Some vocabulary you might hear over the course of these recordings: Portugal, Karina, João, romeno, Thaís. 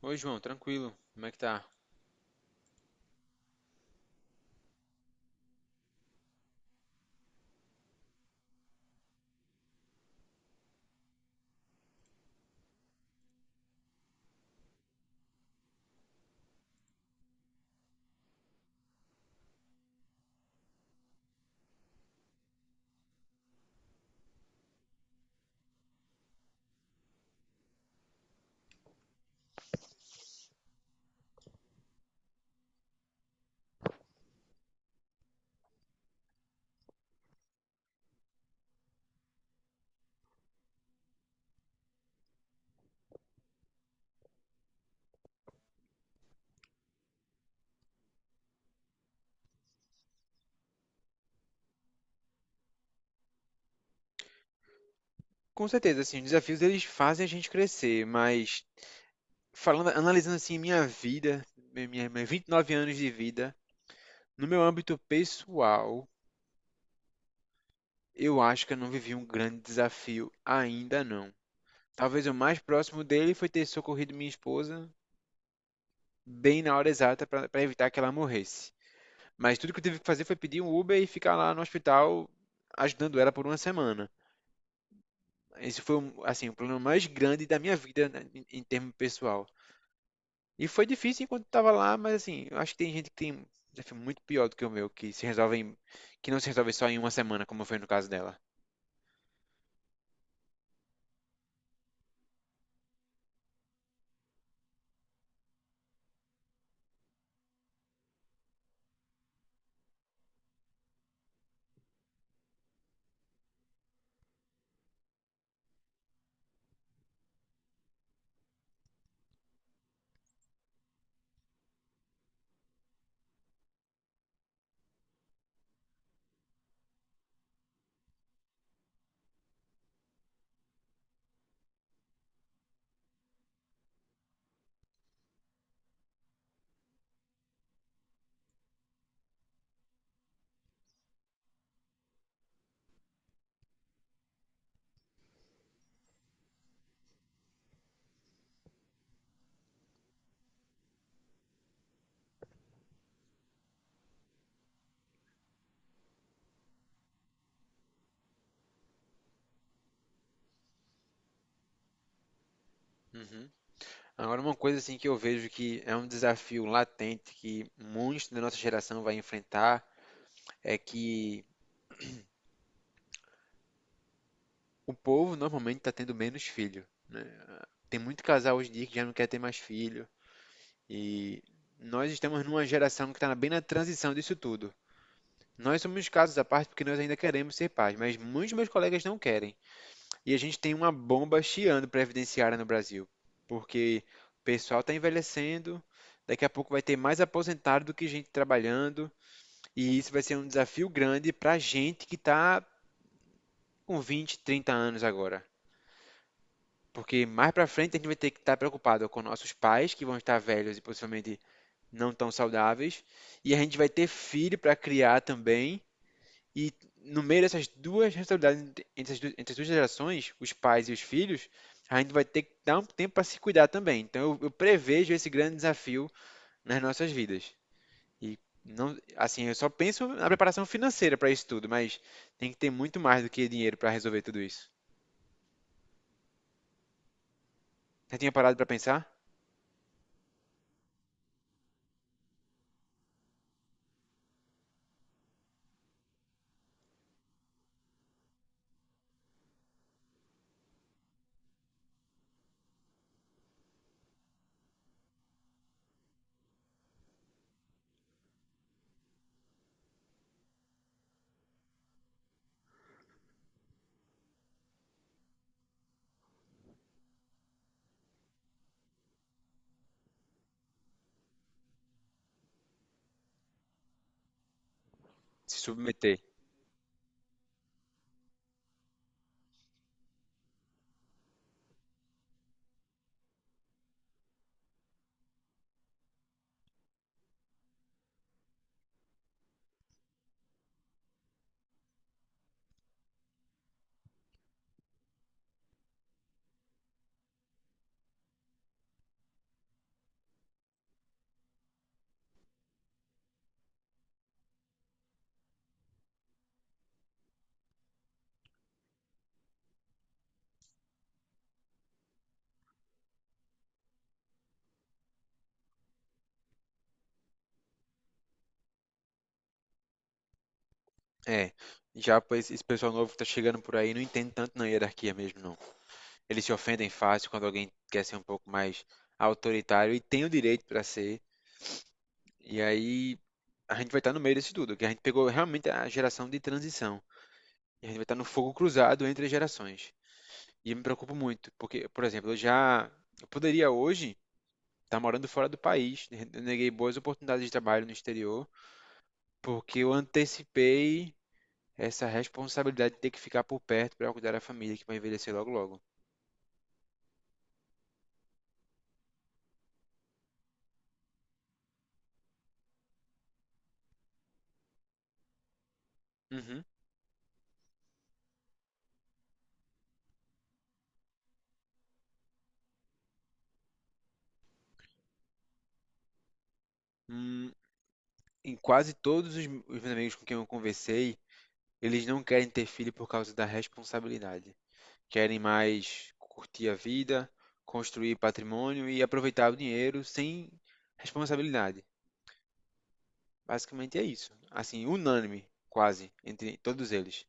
Oi, João, tranquilo? Como é que tá? Com certeza, assim, os desafios eles fazem a gente crescer, mas falando, analisando assim minha vida, minha 29 anos de vida, no meu âmbito pessoal, eu acho que eu não vivi um grande desafio ainda não. Talvez o mais próximo dele foi ter socorrido minha esposa bem na hora exata para evitar que ela morresse. Mas tudo que eu tive que fazer foi pedir um Uber e ficar lá no hospital ajudando ela por uma semana. Esse foi o problema mais grande da minha vida, né, em termo pessoal. E foi difícil enquanto estava lá, mas assim, eu acho que tem gente que tem um desafio muito pior do que o meu, que não se resolve só em uma semana, como foi no caso dela. Uhum. Agora, uma coisa assim que eu vejo que é um desafio latente que muitos da nossa geração vai enfrentar é que o povo normalmente está tendo menos filho. Tem muito casal hoje em dia que já não quer ter mais filho. E nós estamos numa geração que está bem na transição disso tudo. Nós somos casos à parte porque nós ainda queremos ser pais, mas muitos dos meus colegas não querem. E a gente tem uma bomba chiando previdenciária no Brasil, porque o pessoal está envelhecendo, daqui a pouco vai ter mais aposentado do que gente trabalhando, e isso vai ser um desafio grande para a gente que está com 20, 30 anos agora. Porque mais para frente a gente vai ter que estar preocupado com nossos pais, que vão estar velhos e possivelmente não tão saudáveis, e a gente vai ter filho para criar também. E no meio dessas duas responsabilidades, entre as duas, entre as duas gerações, os pais e os filhos, a gente vai ter que dar um tempo para se cuidar também. Então eu prevejo esse grande desafio nas nossas vidas. E não, assim, eu só penso na preparação financeira para isso tudo, mas tem que ter muito mais do que dinheiro para resolver tudo isso. Você tinha parado para pensar? Se submeter. É, já pois, esse pessoal novo que tá chegando por aí não entende tanto na hierarquia mesmo, não. Eles se ofendem fácil quando alguém quer ser um pouco mais autoritário e tem o direito para ser. E aí a gente vai estar no meio disso tudo, que a gente pegou realmente a geração de transição. E a gente vai estar no fogo cruzado entre as gerações. E eu me preocupo muito, porque, por exemplo, eu poderia hoje estar morando fora do país. Eu neguei boas oportunidades de trabalho no exterior, porque eu antecipei essa responsabilidade de ter que ficar por perto para cuidar da família que vai envelhecer logo logo. Uhum. Hum, em quase todos os meus amigos com quem eu conversei, eles não querem ter filho por causa da responsabilidade. Querem mais curtir a vida, construir patrimônio e aproveitar o dinheiro sem responsabilidade. Basicamente é isso. Assim, unânime, quase, entre todos eles.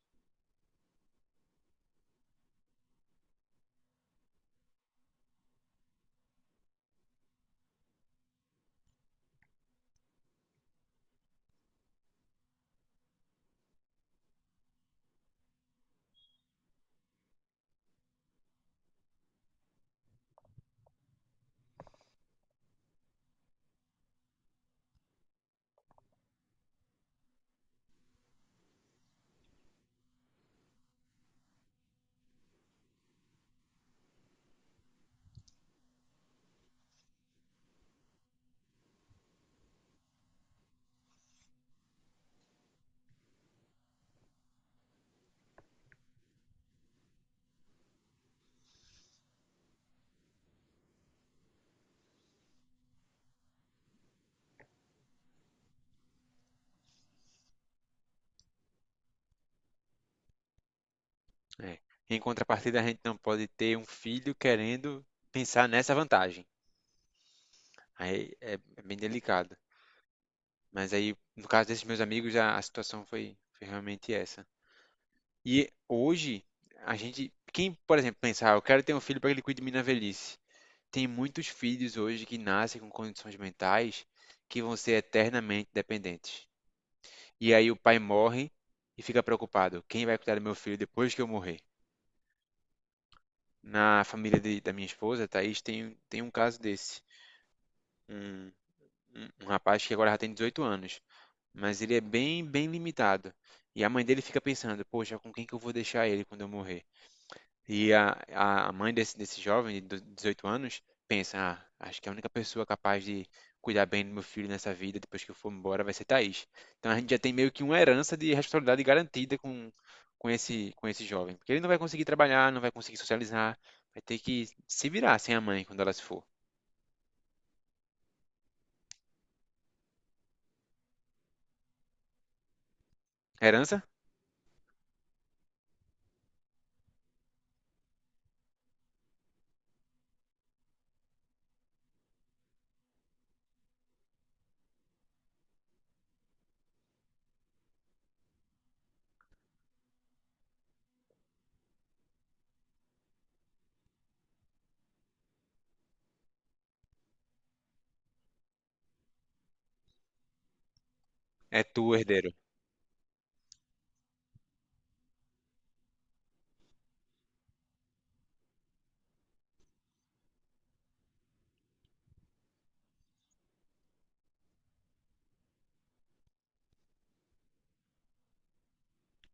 É. Em contrapartida, a gente não pode ter um filho querendo pensar nessa vantagem. Aí é bem delicado. Mas aí, no caso desses meus amigos, a situação foi, foi realmente essa. E hoje, a gente, quem, por exemplo, pensar, eu quero ter um filho para que ele cuide de mim na velhice. Tem muitos filhos hoje que nascem com condições mentais que vão ser eternamente dependentes. E aí o pai morre e fica preocupado: quem vai cuidar do meu filho depois que eu morrer? Na família da minha esposa, Thaís, tem um caso desse. Um, um rapaz que agora já tem 18 anos, mas ele é bem limitado. E a mãe dele fica pensando: poxa, com quem que eu vou deixar ele quando eu morrer? E a mãe desse jovem de 18 anos pensa: ah, acho que a única pessoa capaz de cuidar bem do meu filho nessa vida, depois que eu for embora, vai ser Thaís. Então a gente já tem meio que uma herança de responsabilidade garantida com esse jovem. Porque ele não vai conseguir trabalhar, não vai conseguir socializar, vai ter que se virar sem a mãe quando ela se for. A herança é tu, herdeiro.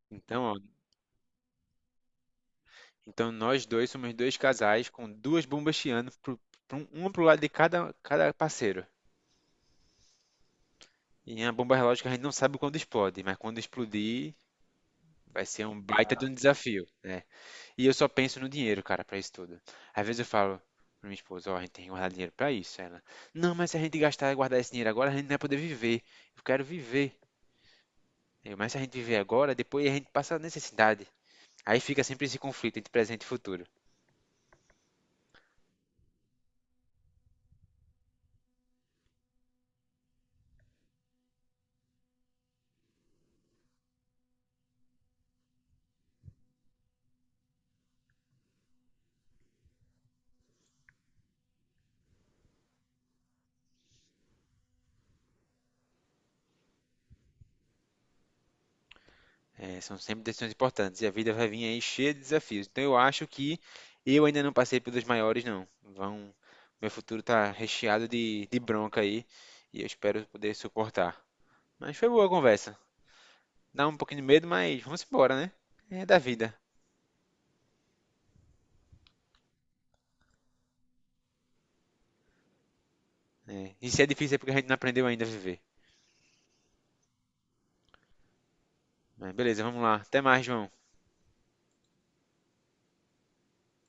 Então, ó, então nós dois somos dois casais com duas bombas chiando, pro uma pro lado de cada, cada parceiro. E a bomba relógio que a gente não sabe quando explode, mas quando explodir, vai ser um baita de um, ah, desafio, né? E eu só penso no dinheiro, cara, pra isso tudo. Às vezes eu falo pra minha esposa: ó, a gente tem que guardar dinheiro pra isso. Ela: não, mas se a gente gastar e guardar esse dinheiro agora, a gente não vai poder viver. Eu quero viver. Eu, mas se a gente viver agora, depois a gente passa necessidade. Aí fica sempre esse conflito entre presente e futuro. É, são sempre decisões importantes e a vida vai vir aí cheia de desafios. Então eu acho que eu ainda não passei pelos maiores, não. Vão, meu futuro tá recheado de bronca aí e eu espero poder suportar. Mas foi boa a conversa. Dá um pouquinho de medo, mas vamos embora, né? É da vida. Né? E se é difícil é porque a gente não aprendeu ainda a viver. Mas beleza, vamos lá. Até mais, João.